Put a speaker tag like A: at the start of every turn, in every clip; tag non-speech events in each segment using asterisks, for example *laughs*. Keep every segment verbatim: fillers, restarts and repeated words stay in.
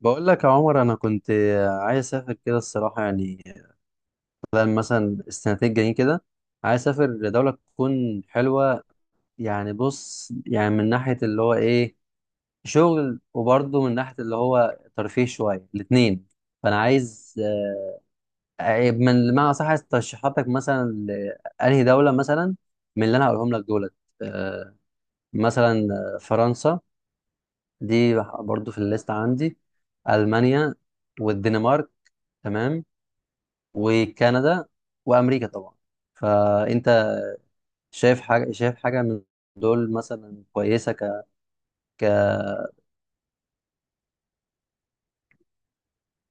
A: بقول لك يا عمر، انا كنت عايز اسافر كده الصراحه، يعني خلال مثلا السنتين الجايين كده. عايز اسافر لدوله تكون حلوه يعني. بص، يعني من ناحيه اللي هو ايه، شغل، وبرضه من ناحيه اللي هو ترفيه شويه، الاثنين. فانا عايز آه، إيه، من ما صح، عايز ترشيحاتك مثلا لانهي دوله. مثلا من اللي انا هقولهم لك دولت، آه، مثلا آه، فرنسا دي برضه في الليست عندي، المانيا والدنمارك، تمام، وكندا وامريكا طبعا. فانت شايف حاجه شايف حاجه من دول مثلا كويسه ك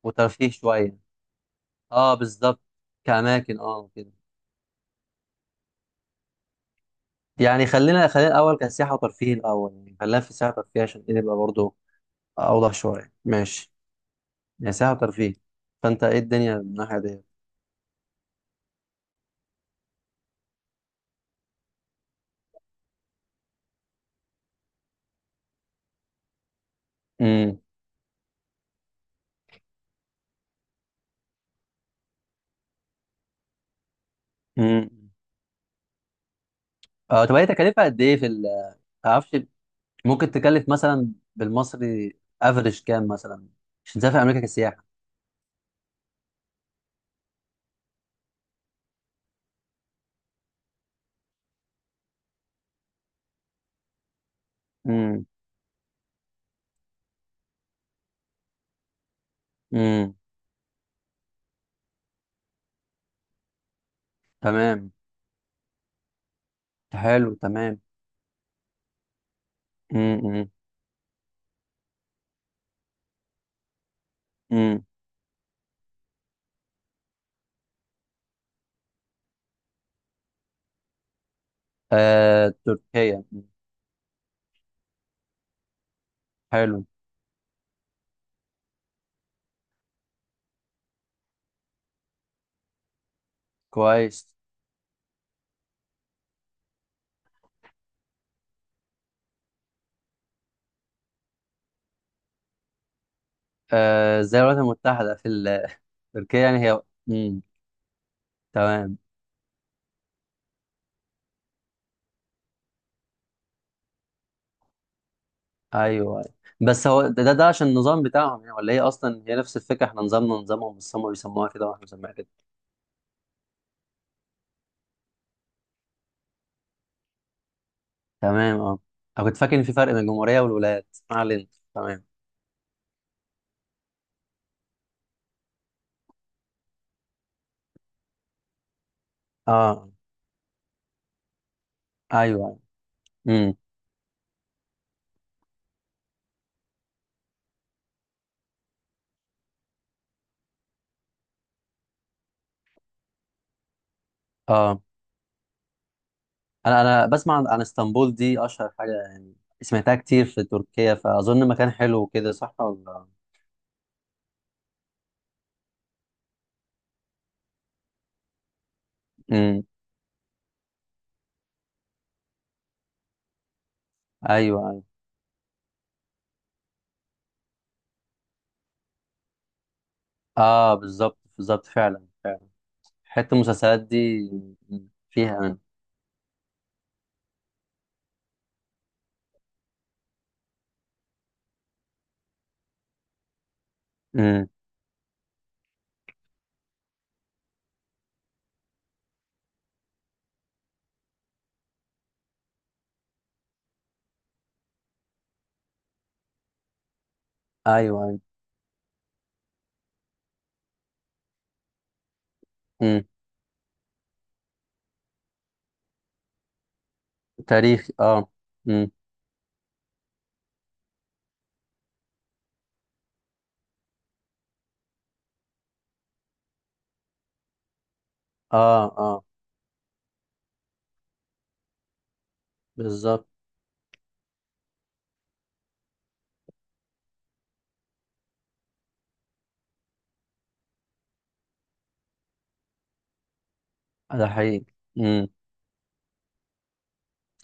A: وترفيه شويه، اه بالظبط. كاماكن، اه كده. يعني خلينا خلينا الاول كسياحه وترفيه، الاول، يعني خلينا في السياحه وترفيه عشان ايه نبقى برضه اوضح شويه، ماشي. يعني سياحه وترفيه، فانت ايه الدنيا من الناحيه دي؟ امم. امم. اه، طب هي تكلفه قد ايه في ال معرفش، ممكن تكلف مثلا بالمصري افريج كام مثلا عشان تسافر امريكا كسياحه. مم. امم. تمام. حلو، تمام. امم. امم. آه تركيا، مم. حلو. كويس. آه، زي الولايات المتحدة في ال- تركيا، يعني هي. امم. تمام. ايوه، أيوه. بس هو ده ده ده عشان النظام بتاعهم يعني، ولا هي اصلا هي نفس الفكرة، احنا نظامنا نظامهم بس هم بيسموها كده واحنا بنسميها كده؟ تمام، اه. انا كنت فاكر ان في فرق بين الجمهورية والولايات، ما علينا. تمام. اه. ايوه. امم. اه. انا انا بسمع عن عن اسطنبول دي، اشهر حاجه يعني سمعتها كتير في تركيا، فاظن مكان حلو كده، صح ولا؟ امم. ايوه ايوه. اه بالظبط بالظبط، فعلا فعلا. حته المسلسلات دي مم. فيها انا. امم. ايوه ايوه. امم. تاريخ اه. امم. اه اه بالظبط. ده حقيقي. امم.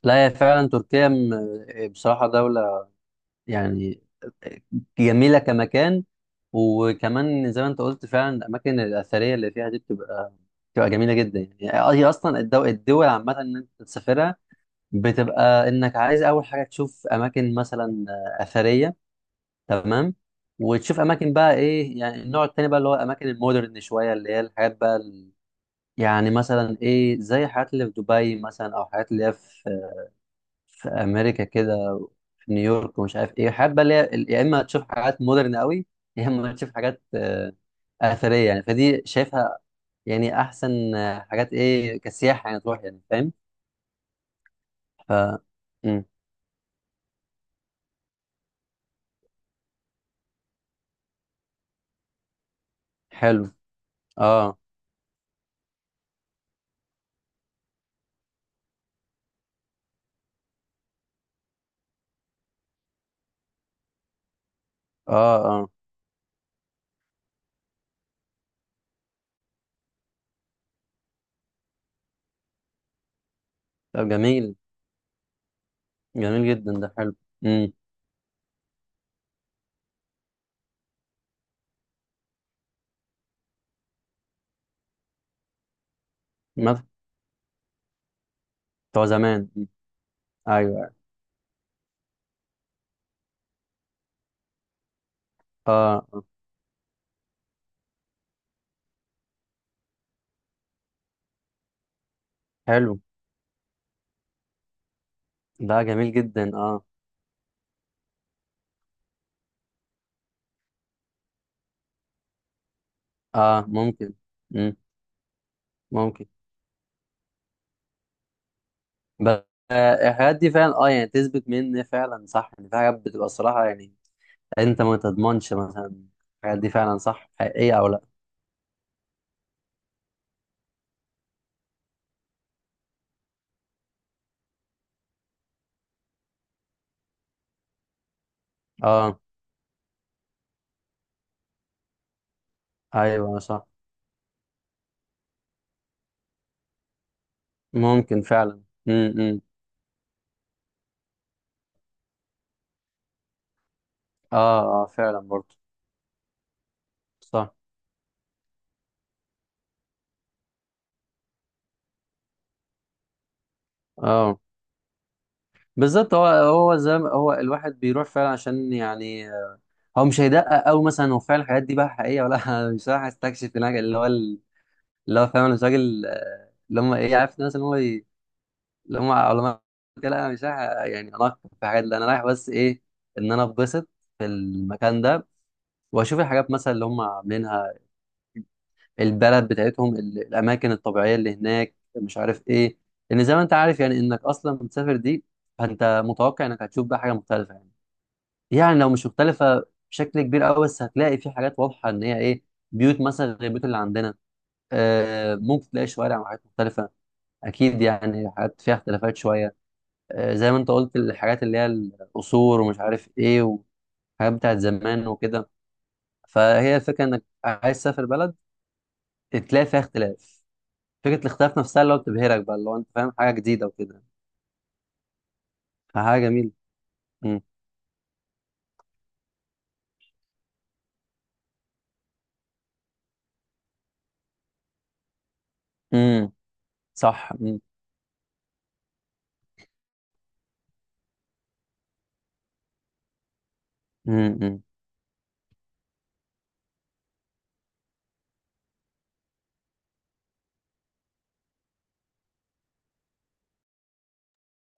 A: لا هي فعلا تركيا م- بصراحه دوله يعني، جميلة كمكان. وكمان زي ما انت قلت فعلا الأماكن الأثرية اللي فيها دي بتبقى بتبقى جميلة جدا يعني. هي أصلا الدو... الدول عامة، إن أنت تسافرها بتبقى إنك عايز أول حاجة تشوف أماكن مثلا أثرية، تمام، وتشوف أماكن بقى إيه يعني، النوع التاني بقى اللي هو الأماكن المودرن شوية، اللي هي الحاجات بقى ال- يعني مثلا إيه، زي الحاجات اللي في دبي مثلا، أو الحاجات اللي هي في في امريكا كده، في نيويورك ومش عارف ايه. حابه اللي هي يا اما تشوف حاجات مودرن قوي، يا اما تشوف حاجات آه، اثريه. يعني فدي شايفها يعني احسن آه، حاجات، ايه كسياحه يعني تروح، يعني فاهم. ف مم. حلو. اه. اه. اه. طب جميل، جميل جدا، ده حلو. امم. مثلا بتوع زمان، مم. ايوه، أيوة. اه. آه. حلو. ده جميل جدا، اه. اه ممكن. امم. ممكن. بس آه، الحاجات دي فعلا اه، يعني تثبت من فعلا صح؟ يعني في حاجات بتبقى الصراحة يعني، انت ما تضمنش مثلا الحاجات دي فعلا صح حقيقية او لا. اه ايوه صح، ممكن فعلا. امم. إمم. اه اه فعلا برضه، صح. اه بالظبط، هو هو زي ما هو الواحد بيروح فعلا عشان يعني آه، هو مش هيدقق قوي مثلا هو فعلا الحاجات دي بقى حقيقية ولا لا. *laughs* مش رايح استكشف هناك اللي هو ال- اللي هو فاهم الراجل آه، اللي هم ايه، عارف الناس اللي هو، لو ما لو ما لا أنا مش رايح يعني اناقش في حاجات، لا انا رايح بس ايه، ان انا اتبسط في المكان ده، واشوف الحاجات مثلا اللي هم عاملينها البلد بتاعتهم، ال- الاماكن الطبيعيه اللي هناك، مش عارف ايه. لان زي ما انت عارف يعني، انك اصلا بتسافر دي، فانت متوقع انك هتشوف بقى حاجه مختلفه يعني. يعني لو مش مختلفه بشكل كبير قوي، بس هتلاقي في حاجات واضحه ان هي ايه، بيوت مثلا غير البيوت اللي عندنا، آه ممكن تلاقي شوارع وحاجات مختلفه، اكيد يعني حاجات فيها اختلافات شويه. آه، زي ما انت قلت الحاجات اللي هي القصور ومش عارف ايه، وحاجات بتاعت زمان وكده. فهي الفكره انك عايز تسافر بلد تلاقي فيها اختلاف، فكره الاختلاف نفسها اللي هو بتبهرك بقى، اللي هو انت فاهم حاجه جديده وكده، فحاجه جميله. امم. امم. صح. امم. امم.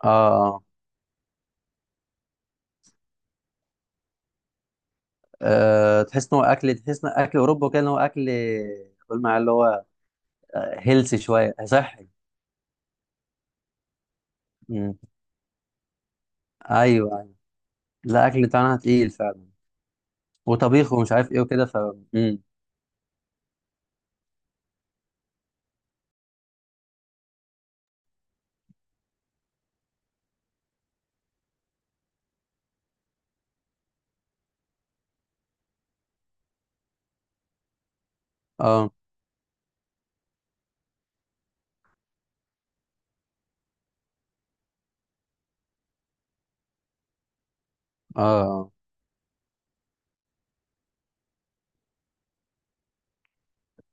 A: اه. اه. آه، تحس ان هو اكل تحس ان اكل اوروبا كده، ان هو اكل، قول معايا اللي هو هيلثي شويه، صحي. امم. ايوه ايوه. لا اكل بتاعنا تقيل فعلا، وطبيخ ومش عارف ايه وكده، ف امم. اه. اه.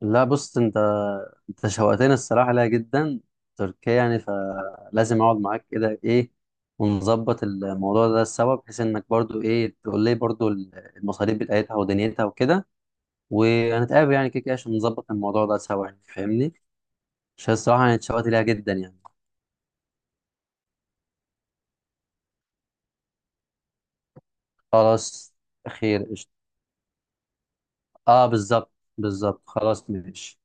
A: لا بص انت، انت شوقتني الصراحه ليها جدا، تركيا يعني. فلازم اقعد معاك كده ايه ونظبط الموضوع ده سوا، بحيث انك برضو ايه تقول لي برضو المصاريف بتاعتها ودنيتها وكده، وهنتقابل يعني كده كده عشان نظبط الموضوع ده سوا يعني، فاهمني؟ عشان الصراحه انا اتشوقت ليها جدا يعني. خلاص، خير، قشطة. اه بالظبط. بالظبط، خلاص ماشي.